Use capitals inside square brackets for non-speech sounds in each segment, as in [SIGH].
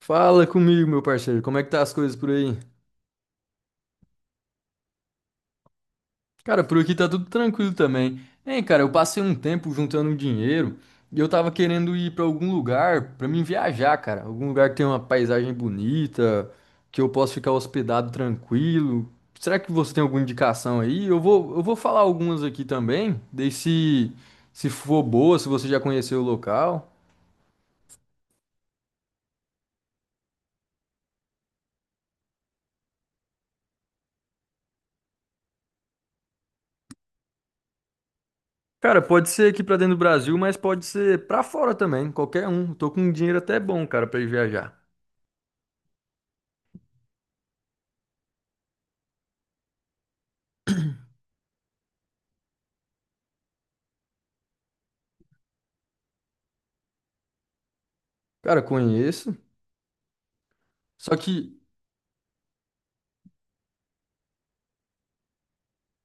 Fala comigo, meu parceiro. Como é que tá as coisas por aí? Cara, por aqui tá tudo tranquilo também. Hein, cara, eu passei um tempo juntando um dinheiro e eu tava querendo ir pra algum lugar pra mim viajar, cara. Algum lugar que tem uma paisagem bonita, que eu possa ficar hospedado tranquilo. Será que você tem alguma indicação aí? Eu vou falar algumas aqui também, daí se for boa, se você já conheceu o local. Cara, pode ser aqui pra dentro do Brasil, mas pode ser pra fora também, qualquer um. Tô com um dinheiro até bom, cara, pra ir viajar. Cara, conheço. Só que,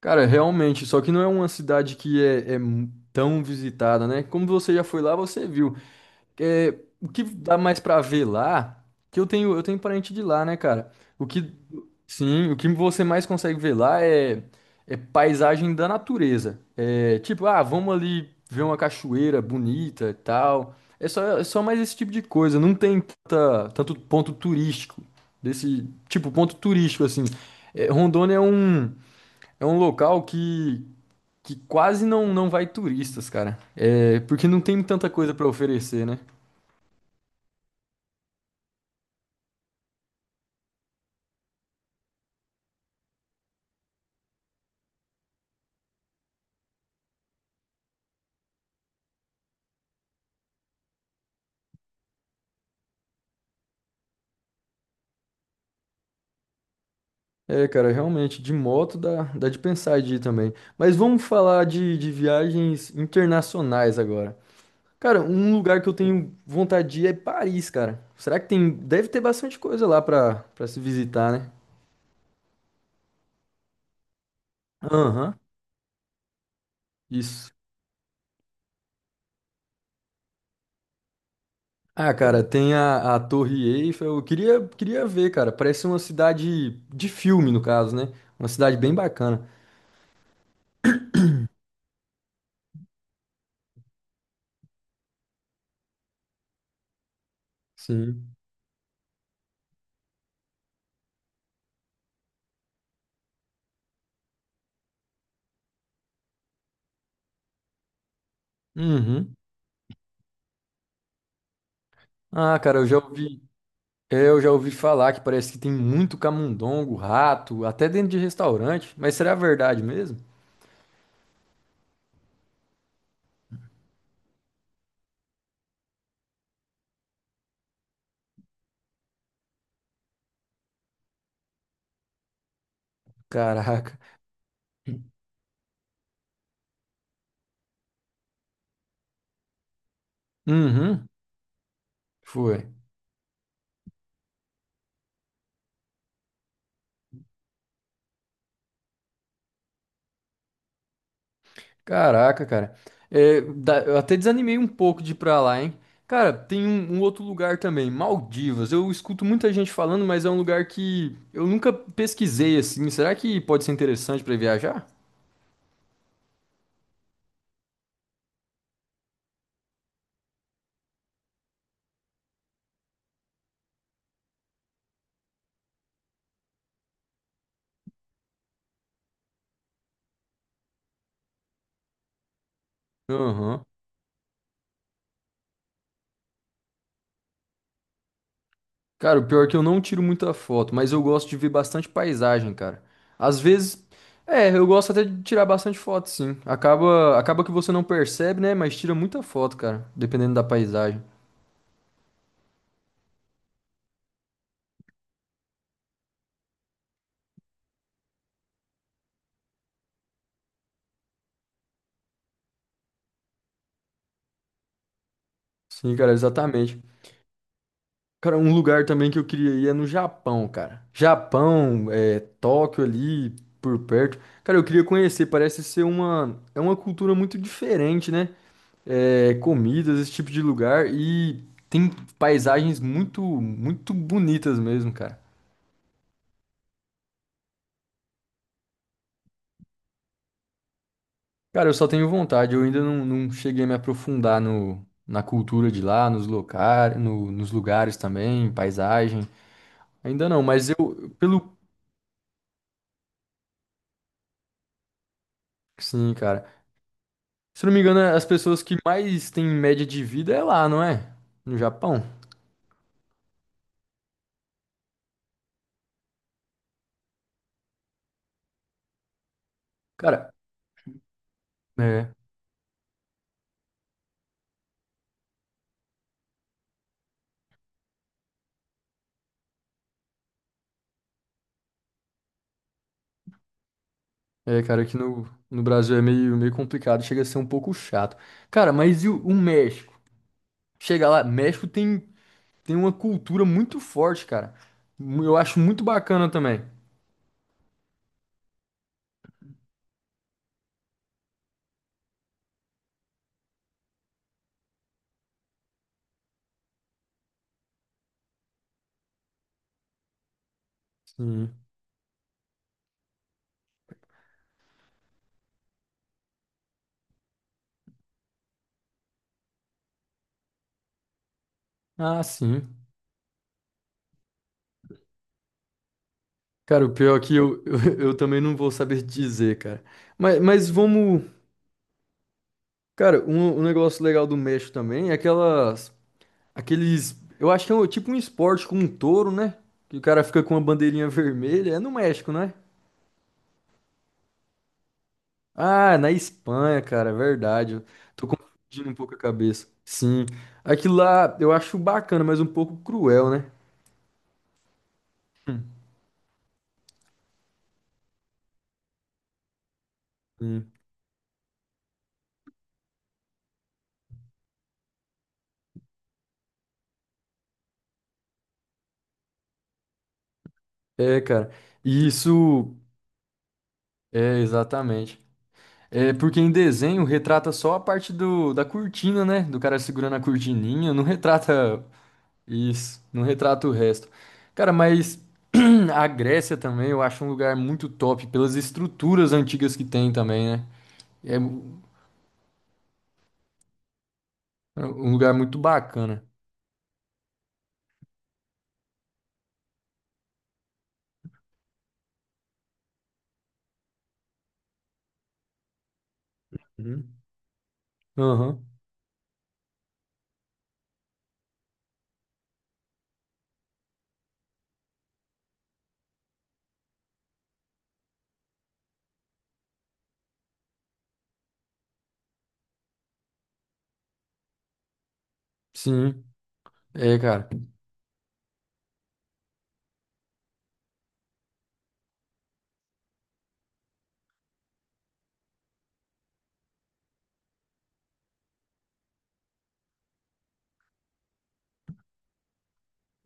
cara, realmente, só que não é uma cidade que tão visitada, né? Como você já foi lá, você viu. É, o que dá mais pra ver lá, que eu tenho parente de lá, né, cara? O que, sim, o que você mais consegue ver lá é, é paisagem da natureza. É tipo, ah, vamos ali ver uma cachoeira bonita e tal. É só mais esse tipo de coisa. Não tem tanto ponto turístico desse tipo ponto turístico assim. É, é um local que quase não vai turistas, cara. É porque não tem tanta coisa pra oferecer, né? É, cara, realmente, de moto dá de pensar de ir também. Mas vamos falar de viagens internacionais agora. Cara, um lugar que eu tenho vontade de ir é Paris, cara. Será que tem. Deve ter bastante coisa lá pra se visitar, né? Aham, isso. Ah, cara, tem a Torre Eiffel. Eu queria ver, cara. Parece uma cidade de filme, no caso, né? Uma cidade bem bacana. Sim. Uhum. Ah, cara, eu já ouvi. Eu já ouvi falar que parece que tem muito camundongo, rato, até dentro de restaurante. Mas será verdade mesmo? Caraca. Uhum, foi. Caraca, cara. É, eu até desanimei um pouco de ir pra lá, hein? Cara, tem um outro lugar também, Maldivas. Eu escuto muita gente falando, mas é um lugar que eu nunca pesquisei assim. Será que pode ser interessante pra viajar? Aham. Cara, o pior é que eu não tiro muita foto, mas eu gosto de ver bastante paisagem, cara. Às vezes, é, eu gosto até de tirar bastante foto, sim. Acaba que você não percebe, né? Mas tira muita foto, cara, dependendo da paisagem. Sim, cara, exatamente. Cara, um lugar também que eu queria ir é no Japão, cara. Japão, é, Tóquio ali, por perto. Cara, eu queria conhecer, parece ser uma, é uma cultura muito diferente, né? É, comidas, esse tipo de lugar e tem paisagens muito bonitas mesmo, cara. Cara, eu só tenho vontade, eu ainda não cheguei a me aprofundar no, na cultura de lá, nos locais, nos lugares também, paisagem. Ainda não, mas eu, pelo. Sim, cara. Se não me engano, as pessoas que mais têm média de vida é lá, não é? No Japão. Cara, é. É, cara, aqui no Brasil é meio complicado, chega a ser um pouco chato. Cara, mas e o México? Chega lá, tem uma cultura muito forte, cara. Eu acho muito bacana também. Sim. Ah, sim. Cara, o pior é que [LAUGHS] eu também não vou saber dizer, cara. Mas vamos. Cara, um negócio legal do México também é aquelas. Aqueles. Eu acho que é tipo um esporte com um touro, né? Que o cara fica com uma bandeirinha [LAUGHS] vermelha. É no México, né? Ah, é na Espanha, cara, é verdade. Eu tô confundindo um pouco a cabeça. Sim. Aquilo lá eu acho bacana, mas um pouco cruel, né? Sim. É, cara. E isso é exatamente. É porque em desenho retrata só a parte da cortina, né? Do cara segurando a cortininha, não retrata isso, não retrata o resto. Cara, mas [CLEARS THROAT] a Grécia também eu acho um lugar muito top pelas estruturas antigas que tem também, né? É um lugar muito bacana. Uhum. Aham, sim. É, cara.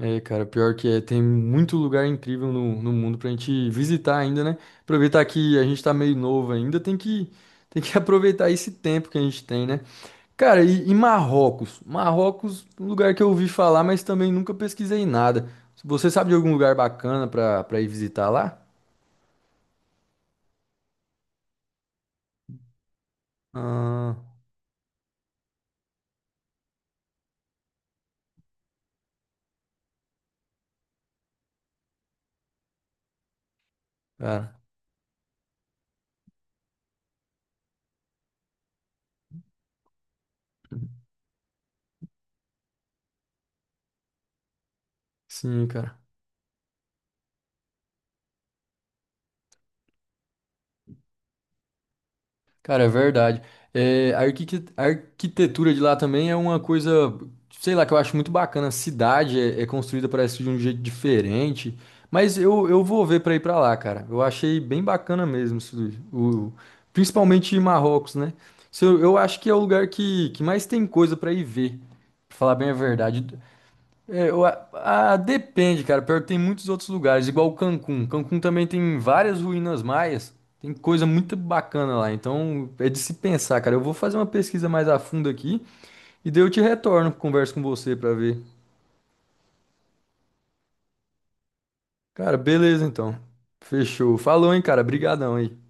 É, cara, pior que é, tem muito lugar incrível no mundo pra gente visitar ainda, né? Aproveitar que a gente tá meio novo ainda, tem que [LAUGHS] aproveitar esse tempo que a gente tem, né? Cara, e Marrocos? Marrocos, um lugar que eu ouvi falar, mas também nunca pesquisei nada. Você sabe de algum lugar bacana pra ir visitar lá? Ah, cara, sim, cara. Cara, é verdade. É, a arquitetura de lá também é uma coisa, sei lá, que eu acho muito bacana. A cidade é construída, parece, de um jeito diferente. Mas eu vou ver pra ir pra lá, cara. Eu achei bem bacana mesmo, principalmente Marrocos, né? Se Eu, eu acho que é o lugar que mais tem coisa pra ir ver, pra falar bem a verdade. É, depende, cara. Pior que tem muitos outros lugares, igual Cancún. Cancún também tem várias ruínas maias. Tem coisa muito bacana lá. Então é de se pensar, cara. Eu vou fazer uma pesquisa mais a fundo aqui e daí eu te retorno, converso com você pra ver. Cara, beleza então. Fechou. Falou, hein, cara. Obrigadão aí.